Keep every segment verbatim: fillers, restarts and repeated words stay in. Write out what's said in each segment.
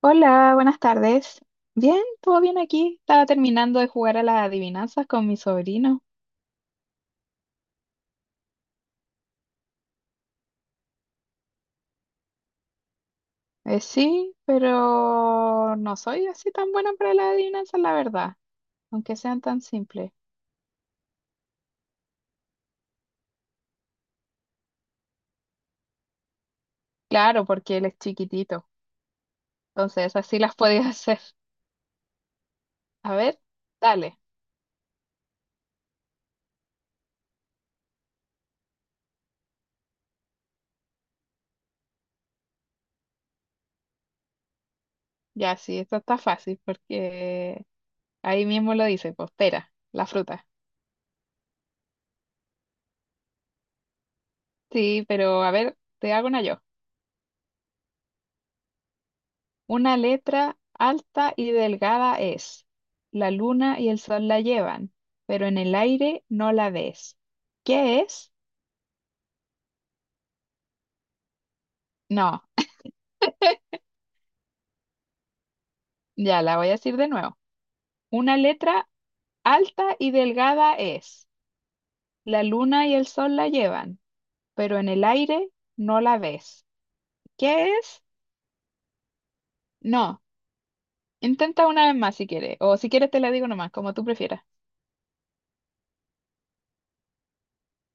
Hola, buenas tardes. Bien, todo bien aquí. Estaba terminando de jugar a las adivinanzas con mi sobrino. Eh, sí, pero no soy así tan buena para las adivinanzas, la verdad, aunque sean tan simples. Claro, porque él es chiquitito, entonces así las podía hacer. A ver, dale. Ya, sí, esto está fácil porque ahí mismo lo dice, pues pera, la fruta. Sí, pero a ver, te hago una yo. Una letra alta y delgada es. La luna y el sol la llevan, pero en el aire no la ves. ¿Qué es? No, ya la voy a decir de nuevo. Una letra alta y delgada es. La luna y el sol la llevan, pero en el aire no la ves. ¿Qué es? No. Intenta una vez más si quieres, o si quieres te la digo nomás, como tú prefieras.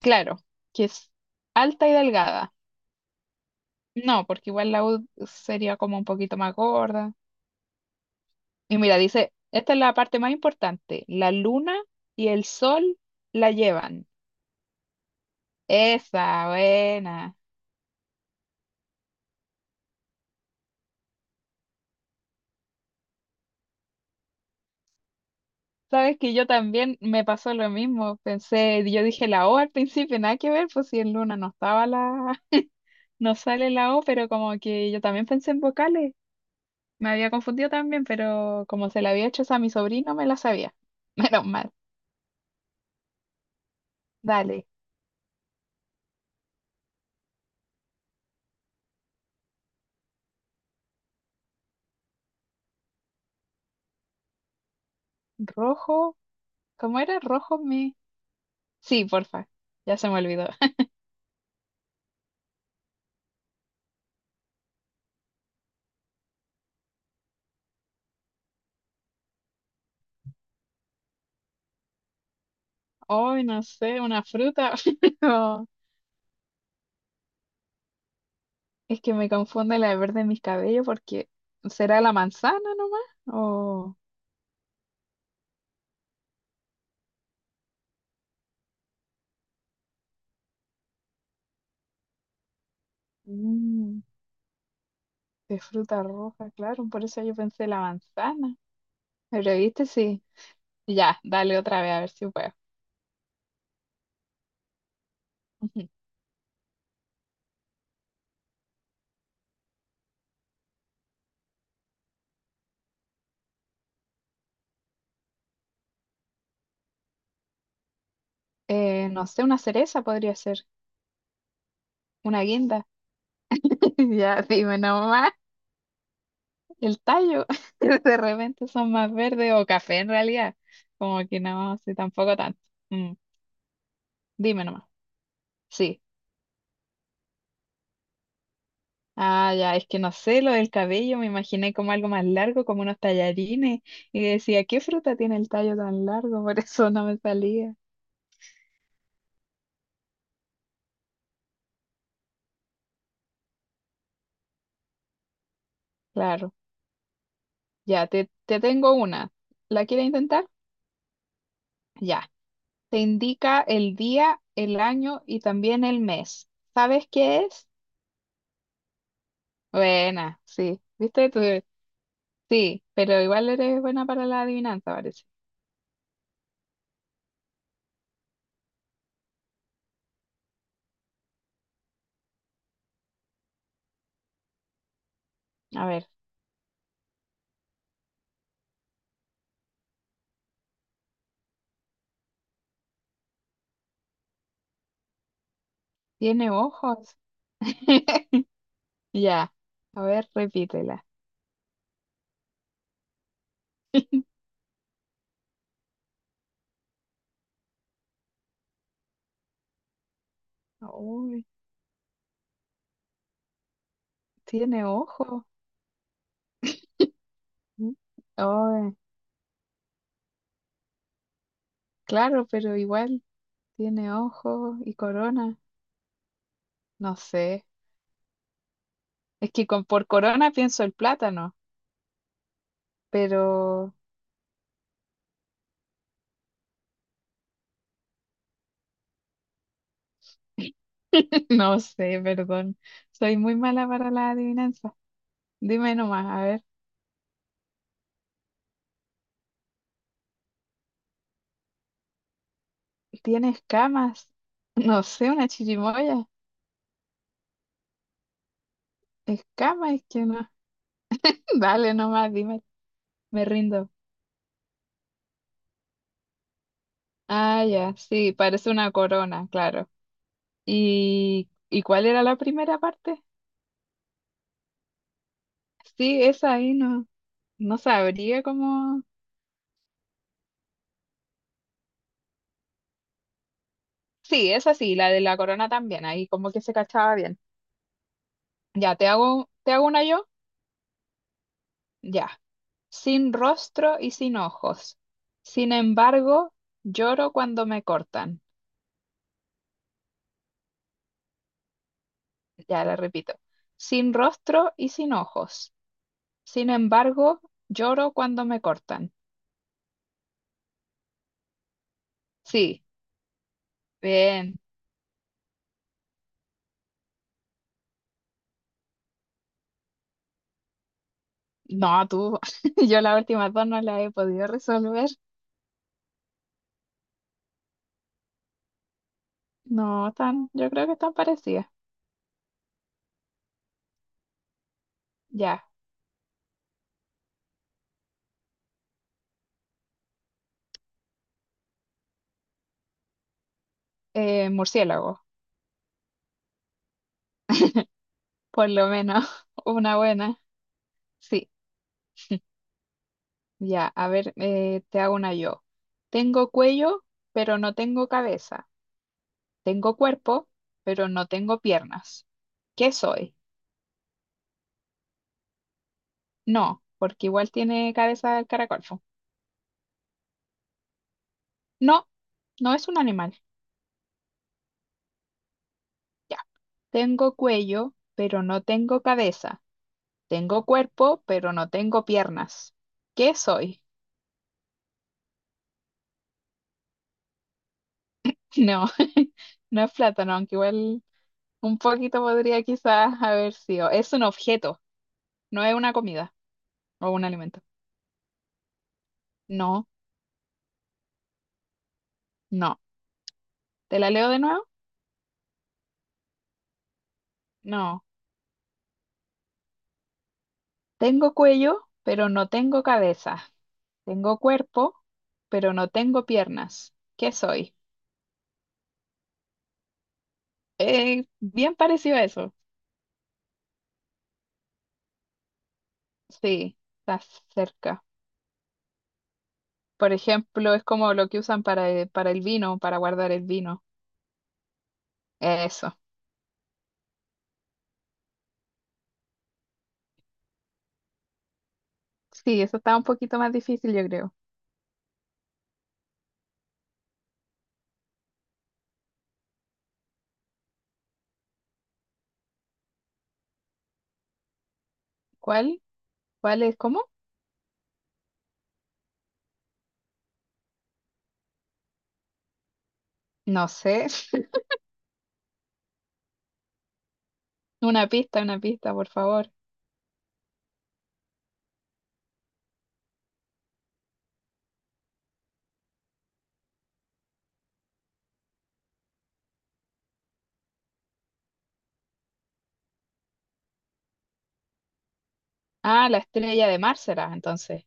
Claro, que es alta y delgada. No, porque igual la U sería como un poquito más gorda. Y mira, dice, esta es la parte más importante. La luna y el sol la llevan. Esa, buena. Sabes que yo también me pasó lo mismo. Pensé, yo dije la O al principio, nada que ver, pues si en luna no estaba la, no sale la O, pero como que yo también pensé en vocales. Me había confundido también, pero como se la había hecho esa a mi sobrino, me la sabía. Menos mal. Dale. Rojo, ¿cómo era? Rojo me. Sí, porfa. Ya se me olvidó. Hoy no sé, una fruta. Pero es que me confunde la de verde en mis cabellos porque ¿será la manzana nomás? O mm, de fruta roja, claro, por eso yo pensé la manzana. Pero viste, sí. Ya, dale otra vez a ver si puedo. Eh, no sé, una cereza podría ser, una guinda. Ya, dime nomás, el tallo. De repente son más verdes o café en realidad. Como que no, sí, tampoco tanto. Mm, dime nomás. Sí. Ah, ya, es que no sé, lo del cabello, me imaginé como algo más largo, como unos tallarines, y decía, ¿qué fruta tiene el tallo tan largo? Por eso no me salía. Claro, ya, te, te tengo una. ¿La quieres intentar? Ya, te indica el día, el año y también el mes. ¿Sabes qué es? Buena, sí, ¿viste? Tú- sí, pero igual eres buena para la adivinanza, parece. A ver, ¿tiene ojos? Ya, a ver, repítela. Uy, ¿tiene ojos? Mm. Oh, claro, pero igual tiene ojos y corona. No sé. Es que con, por corona pienso el plátano, pero no sé, perdón. Soy muy mala para la adivinanza. Dime nomás, a ver. ¿Tiene escamas? No sé, una chirimoya. Escamas es que no. Dale nomás, dime. Me rindo. Ah, ya, sí, parece una corona, claro. ¿Y, y cuál era la primera parte? Sí, esa ahí no, no sabría cómo. Sí, esa sí, la de la corona también, ahí como que se cachaba bien. Ya, te hago, te hago una yo, ya. Sin rostro y sin ojos. Sin embargo, lloro cuando me cortan. Ya la repito. Sin rostro y sin ojos. Sin embargo, lloro cuando me cortan. Sí, bien. No, tú, yo las últimas dos no las he podido resolver. No, tan, yo creo que están parecidas. Ya, eh, murciélago, por lo menos una buena. Sí. Ya, a ver, eh, te hago una yo. Tengo cuello, pero no tengo cabeza. Tengo cuerpo, pero no tengo piernas. ¿Qué soy? No, porque igual tiene cabeza el caracol, po. No, no es un animal. Ya. Tengo cuello, pero no tengo cabeza. Tengo cuerpo, pero no tengo piernas. ¿Qué soy? No, no es plátano, aunque igual un poquito podría quizás haber sido. Es un objeto, no es una comida o un alimento. No. No. ¿Te la leo de nuevo? No. Tengo cuello, pero no tengo cabeza. Tengo cuerpo, pero no tengo piernas. ¿Qué soy? Eh, bien parecido a eso. Sí, estás cerca. Por ejemplo, es como lo que usan para el, para el vino, para guardar el vino. Eso. Sí, eso está un poquito más difícil, yo creo. ¿Cuál? ¿Cuál es? ¿Cómo? No sé. Una pista, una pista, por favor. Ah, la estrella de mar será, entonces.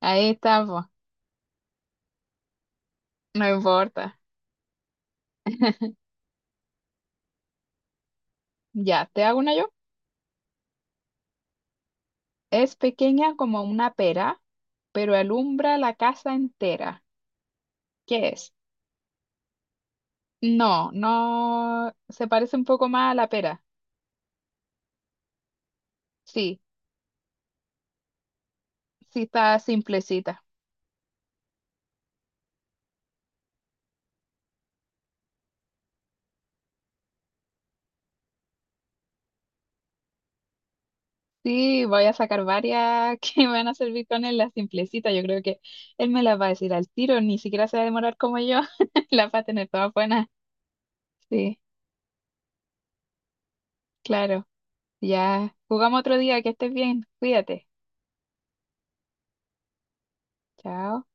Ahí estamos. No importa. Ya, ¿te hago una yo? Es pequeña como una pera, pero alumbra la casa entera. ¿Qué es? No, no, se parece un poco más a la pera. Sí, sí está simplecita. Sí, voy a sacar varias que me van a servir con él, la simplecita. Yo creo que él me las va a decir al tiro, ni siquiera se va a demorar como yo. Las va a tener todas buenas. Sí, claro. Ya, jugamos otro día, que estés bien, cuídate. Chao.